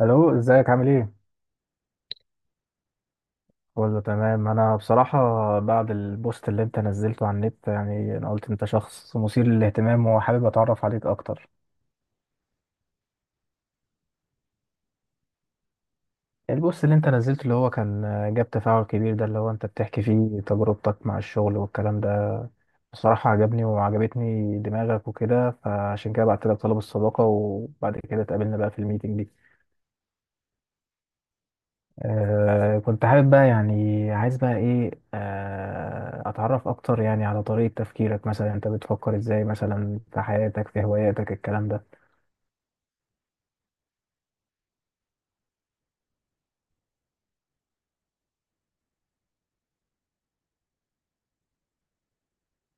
الو، ازيك؟ عامل ايه؟ كله تمام. انا بصراحه بعد البوست اللي انت نزلته على النت، يعني انا قلت انت شخص مثير للاهتمام وحابب اتعرف عليك اكتر. البوست اللي انت نزلته اللي هو كان جاب تفاعل كبير، ده اللي هو انت بتحكي فيه تجربتك مع الشغل والكلام ده. بصراحه عجبني وعجبتني دماغك وكده، فعشان كده بعت لك طلب الصداقه، وبعد كده اتقابلنا بقى في الميتنج دي. آه، كنت حابب بقى، يعني عايز بقى ايه، اتعرف اكتر يعني على طريقة تفكيرك، مثلا انت بتفكر ازاي مثلا في حياتك، في هواياتك، الكلام ده.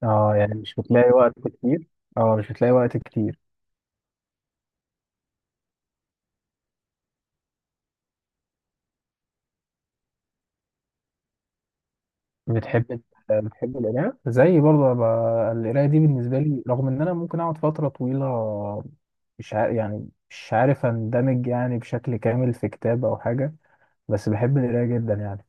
اه، يعني مش بتلاقي وقت كتير. اه، مش بتلاقي وقت كتير. بتحب بتحب القراية زي برضه، القراية دي بالنسبة لي رغم ان انا ممكن اقعد فترة طويلة مش عارف اندمج يعني بشكل كامل في كتاب او حاجة، بس بحب القراية جدا يعني.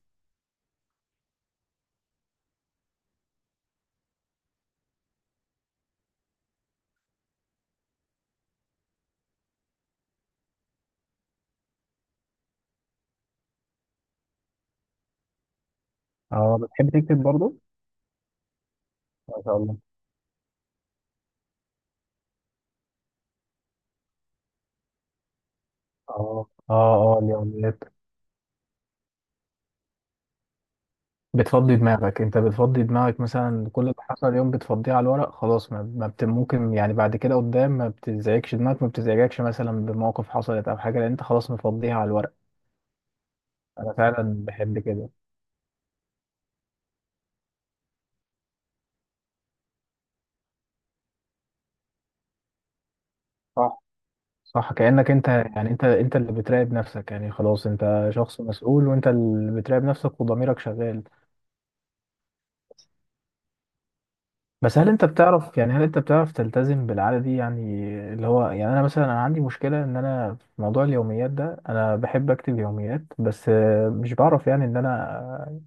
اه، بتحب تكتب برضه؟ ما شاء الله. اه، اه، اه، اليوميات. بتفضي دماغك انت بتفضي دماغك مثلا كل اللي حصل اليوم بتفضيه على الورق، خلاص، ما, ما بت ممكن يعني بعد كده قدام ما بتزعجش دماغك، ما بتزعجكش مثلا بمواقف حصلت او حاجه، لان انت خلاص مفضيها على الورق. انا فعلا بحب كده. صح، صح، كأنك انت، يعني انت اللي بتراقب نفسك، يعني خلاص انت شخص مسؤول وانت اللي بتراقب نفسك وضميرك شغال. بس هل انت بتعرف، يعني هل انت بتعرف تلتزم بالعادة دي؟ يعني اللي هو يعني انا مثلا، انا عندي مشكلة ان انا في موضوع اليوميات ده انا بحب اكتب يوميات، بس مش بعرف يعني ان انا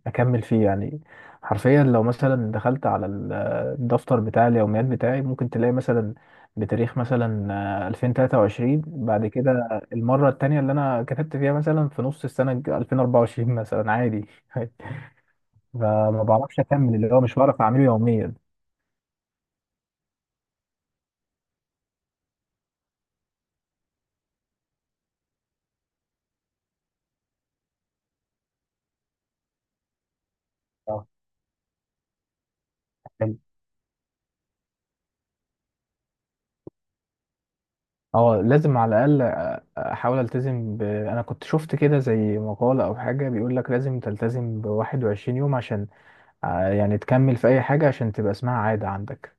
اكمل فيه يعني. حرفيا لو مثلا دخلت على الدفتر بتاع اليوميات بتاعي، ممكن تلاقي مثلا بتاريخ مثلا 2023، بعد كده المرة التانية اللي انا كتبت فيها مثلا في نص السنة 2024 مثلا، عادي فما بعرفش اكمل، اللي هو مش بعرف اعمله يوميا. اه، اه، لازم على الاقل احاول التزم انا كنت شفت كده زي مقالة او حاجة بيقول لك لازم تلتزم ب 21 يوم عشان يعني تكمل في اي حاجة عشان تبقى اسمها عادة عندك.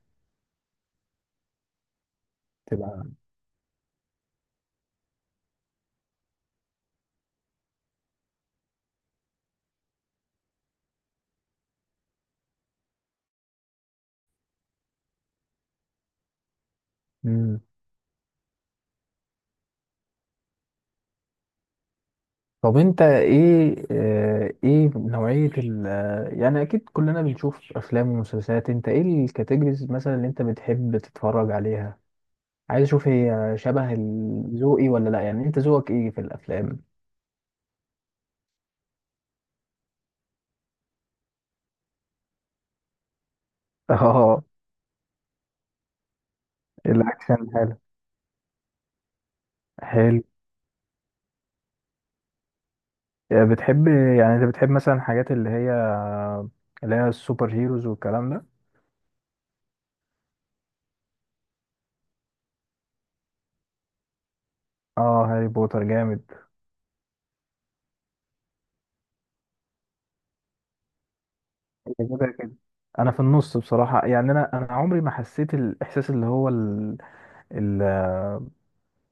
تبقى. مم. طب انت ايه، ايه نوعية ال آه، يعني اكيد كلنا بنشوف افلام ومسلسلات، انت ايه الكاتيجوريز مثلا اللي انت بتحب تتفرج عليها؟ عايز اشوف هي شبه ذوقي ولا لا، يعني انت ذوقك ايه في الافلام؟ اه. الاكشن حلو. حلو. بتحب، يعني انت بتحب مثلا الحاجات اللي هي السوبر هيروز والكلام ده. اه، هاري بوتر جامد. انت كده كده. انا في النص بصراحة، يعني انا عمري ما حسيت الاحساس اللي هو ال...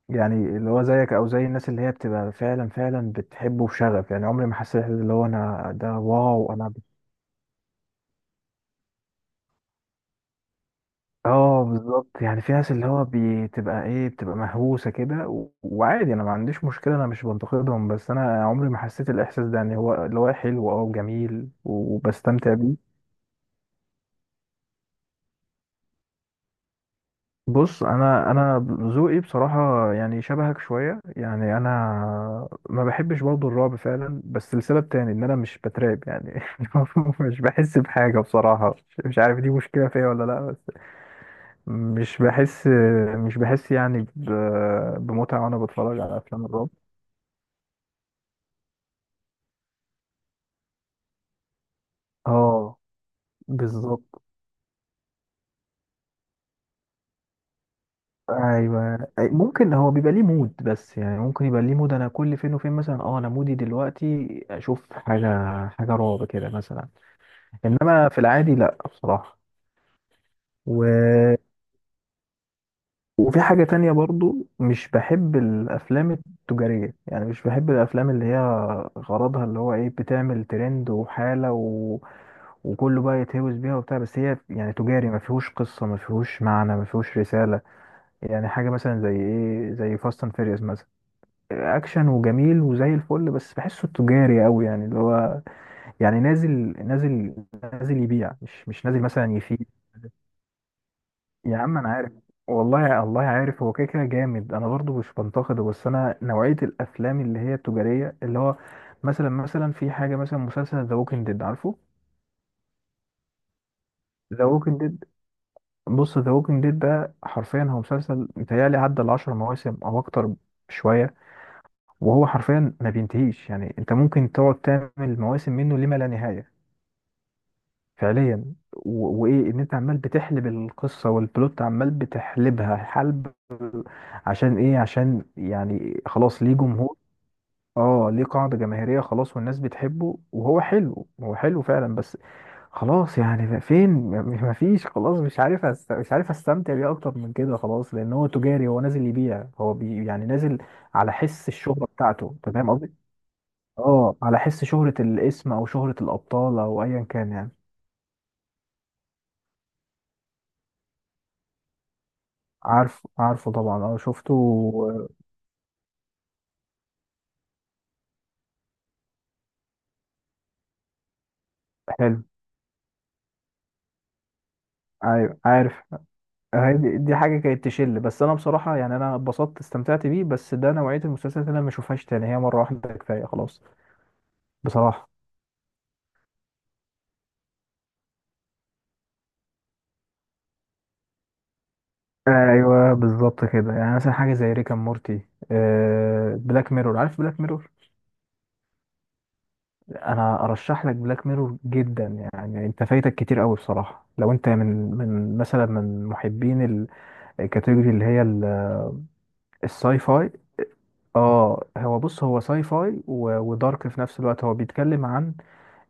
يعني اللي هو زيك او زي الناس اللي هي بتبقى فعلا بتحبه بشغف، يعني عمري ما حسيت اللي هو انا ده واو انا. اه بالظبط، يعني في ناس اللي هو بتبقى ايه، بتبقى مهووسه كده، وعادي، انا ما عنديش مشكله، انا مش بنتقدهم، بس انا عمري ما حسيت الاحساس ده يعني، هو اللي هو حلو اه وجميل وبستمتع بيه. بص انا ذوقي بصراحه يعني شبهك شويه، يعني انا ما بحبش برضه الرعب فعلا، بس لسبب تاني ان انا مش بترعب يعني مش بحس بحاجه بصراحه، مش عارف دي مشكله فيا ولا لا. مش بحس. مش بحس يعني بمتعة وانا بتفرج على افلام الرعب. اه بالظبط. ايوه، ممكن هو بيبقى ليه مود، بس يعني ممكن يبقى ليه مود، انا كل فين وفين مثلا، اه انا مودي دلوقتي اشوف حاجه، حاجه رعب كده مثلا. انما في العادي لا بصراحه. وفي حاجة تانية برضو مش بحب الأفلام التجارية، يعني مش بحب الأفلام اللي هي غرضها اللي هو إيه، بتعمل ترند وحالة و... وكله بقى يتهوس بيها وبتاع، بس هي يعني تجاري، ما فيهوش قصة، ما فيهوش معنى، ما فيهوش رسالة. يعني حاجة مثلا زي إيه، زي فاست أند فيريوس مثلا، أكشن وجميل وزي الفل، بس بحسه تجاري أوي، يعني اللي هو يعني نازل، نازل نازل يبيع، مش نازل مثلا يفيد. يا عم انا عارف، والله الله عارف هو كده كده جامد، انا برضو مش بنتقده، بس انا نوعيه الافلام اللي هي التجاريه اللي هو مثلا في حاجه مثلا، مسلسل ذا ووكينج ديد، عارفه؟ ذا ووكينج ديد. بص ذا ووكينج ديد ده حرفيا هو مسلسل، متهيألي عدى العشر مواسم او اكتر شويه، وهو حرفيا ما بينتهيش، يعني انت ممكن تقعد تعمل مواسم منه لما لا نهايه، فعليا. وايه ان انت عمال بتحلب القصه والبلوت عمال بتحلبها حلب، عشان ايه؟ عشان يعني خلاص ليه جمهور. اه، ليه قاعده جماهيريه خلاص، والناس بتحبه، وهو حلو، هو حلو فعلا، بس خلاص يعني فين مفيش، خلاص مش عارف مش عارف استمتع بيه اكتر من كده، خلاص لان هو تجاري، هو نازل يبيع، يعني نازل على حس الشهره بتاعته، تمام، قصدي اه على حس شهره الاسم او شهره الابطال او ايا كان يعني. عارفه، عارفه طبعا، اه شفته. حلو. ايوه عارف. هي دي، دي حاجه كانت تشل، بس انا بصراحه يعني انا اتبسطت، استمتعت بيه، بس ده نوعيه المسلسلات اللي انا ما اشوفهاش تاني، هي مره واحده كفايه خلاص بصراحه. ايوه بالظبط كده، يعني مثلا حاجه زي ريكا مورتي، آه، بلاك ميرور، عارف بلاك ميرور؟ انا ارشح لك بلاك ميرور جدا، يعني انت فايتك كتير قوي بصراحه لو انت من، من مثلا من محبين الكاتيجوري اللي هي الساي فاي. اه، هو بص هو ساي فاي ودارك في نفس الوقت، هو بيتكلم عن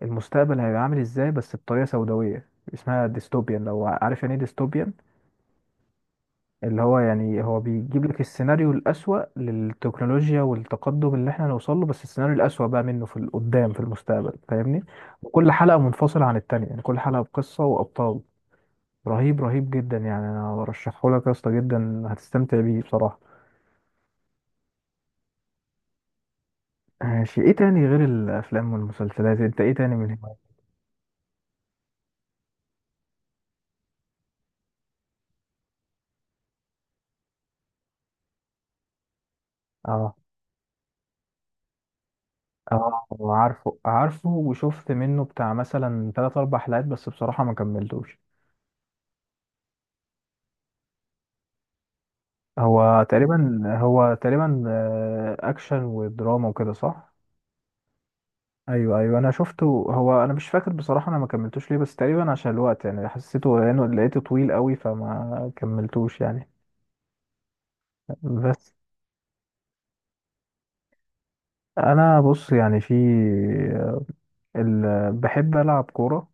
المستقبل هيبقى عامل ازاي، بس بطريقه سوداويه، اسمها ديستوبيان، لو عارف يعني ايه ديستوبيان. اللي هو يعني هو بيجيب لك السيناريو الأسوأ للتكنولوجيا والتقدم اللي احنا نوصل له، بس السيناريو الأسوأ بقى منه في قدام في المستقبل، فاهمني. وكل حلقه منفصله عن التانية، يعني كل حلقه بقصه وابطال. رهيب، رهيب جدا يعني، انا برشحه لك يا اسطى، جدا هتستمتع بيه بصراحه. ماشي. ايه تاني غير الافلام والمسلسلات؟ انت ايه تاني من هواية؟ اه، عارفه عارفه، وشفت منه بتاع مثلا تلات أربع حلقات، بس بصراحة ما كملتوش. هو تقريبا آه، أكشن ودراما وكده صح؟ أيوه، أيوه، أنا شفته. هو أنا مش فاكر بصراحة أنا ما كملتوش ليه، بس تقريبا عشان الوقت يعني، حسيته لأنه لقيته طويل قوي، فما كملتوش يعني. بس أنا بص يعني بحب ألعب كورة.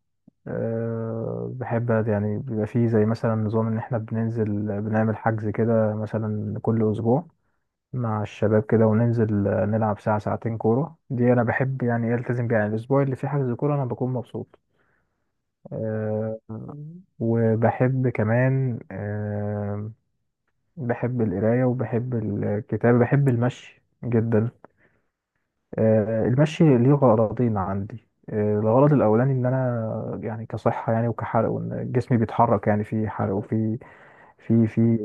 أه بحب، يعني بيبقى فيه زي مثلا نظام إن إحنا بننزل، بنعمل حجز كده مثلا كل أسبوع مع الشباب كده، وننزل نلعب ساعة ساعتين كورة، دي أنا بحب يعني إيه ألتزم بيها، يعني الأسبوع اللي فيه حجز كورة أنا بكون مبسوط. أه. وبحب كمان أه، بحب القراية وبحب الكتابة، بحب المشي جدا. المشي ليه غرضين عندي، الغرض الاولاني ان انا يعني كصحه يعني، وكحرق، وان جسمي بيتحرك، يعني في حرق وفي، في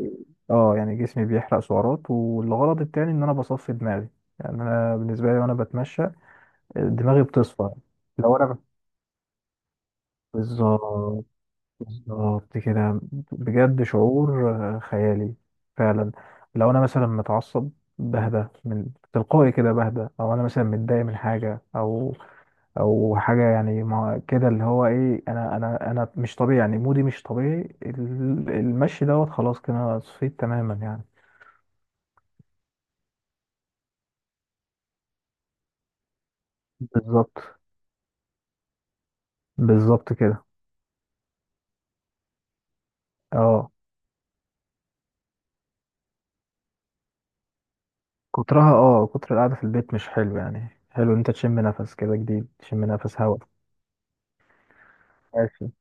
اه يعني جسمي بيحرق سعرات، والغرض التاني ان انا بصفي دماغي، يعني انا بالنسبه لي وانا بتمشى دماغي بتصفى. لو انا بالظبط، بالظبط كده. بجد شعور خيالي فعلا. لو انا مثلا متعصب، بهدى من، تلقائي كده بهدى، او انا مثلا متضايق من حاجه او او حاجه يعني، ما كده اللي هو ايه، انا مش طبيعي، يعني مودي مش طبيعي، المشي دوت خلاص كده، أنا صفيت تماما يعني. بالظبط، بالظبط كده. اه. كترها، اه، كتر القعده في البيت مش حلو، يعني حلو إن انت تشم نفس كده جديد، تشم نفس هوا. ماشي.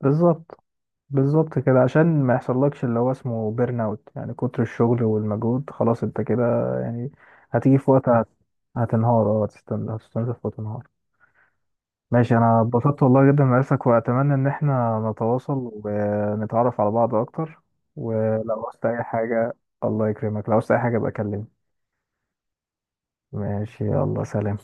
بالظبط، بالظبط كده عشان ما يحصلكش اللي هو اسمه بيرن اوت، يعني كتر الشغل والمجهود، خلاص انت كده يعني، هتيجي في وقت هتنهار، اه، هتستنزف وتنهار. ماشي، انا اتبسطت والله جدا مقاسك، واتمنى ان احنا نتواصل ونتعرف على بعض اكتر. ولو عوزت اي حاجة، الله يكرمك، لو عوزت اي حاجة بكلمني. ماشي، يلا سلام.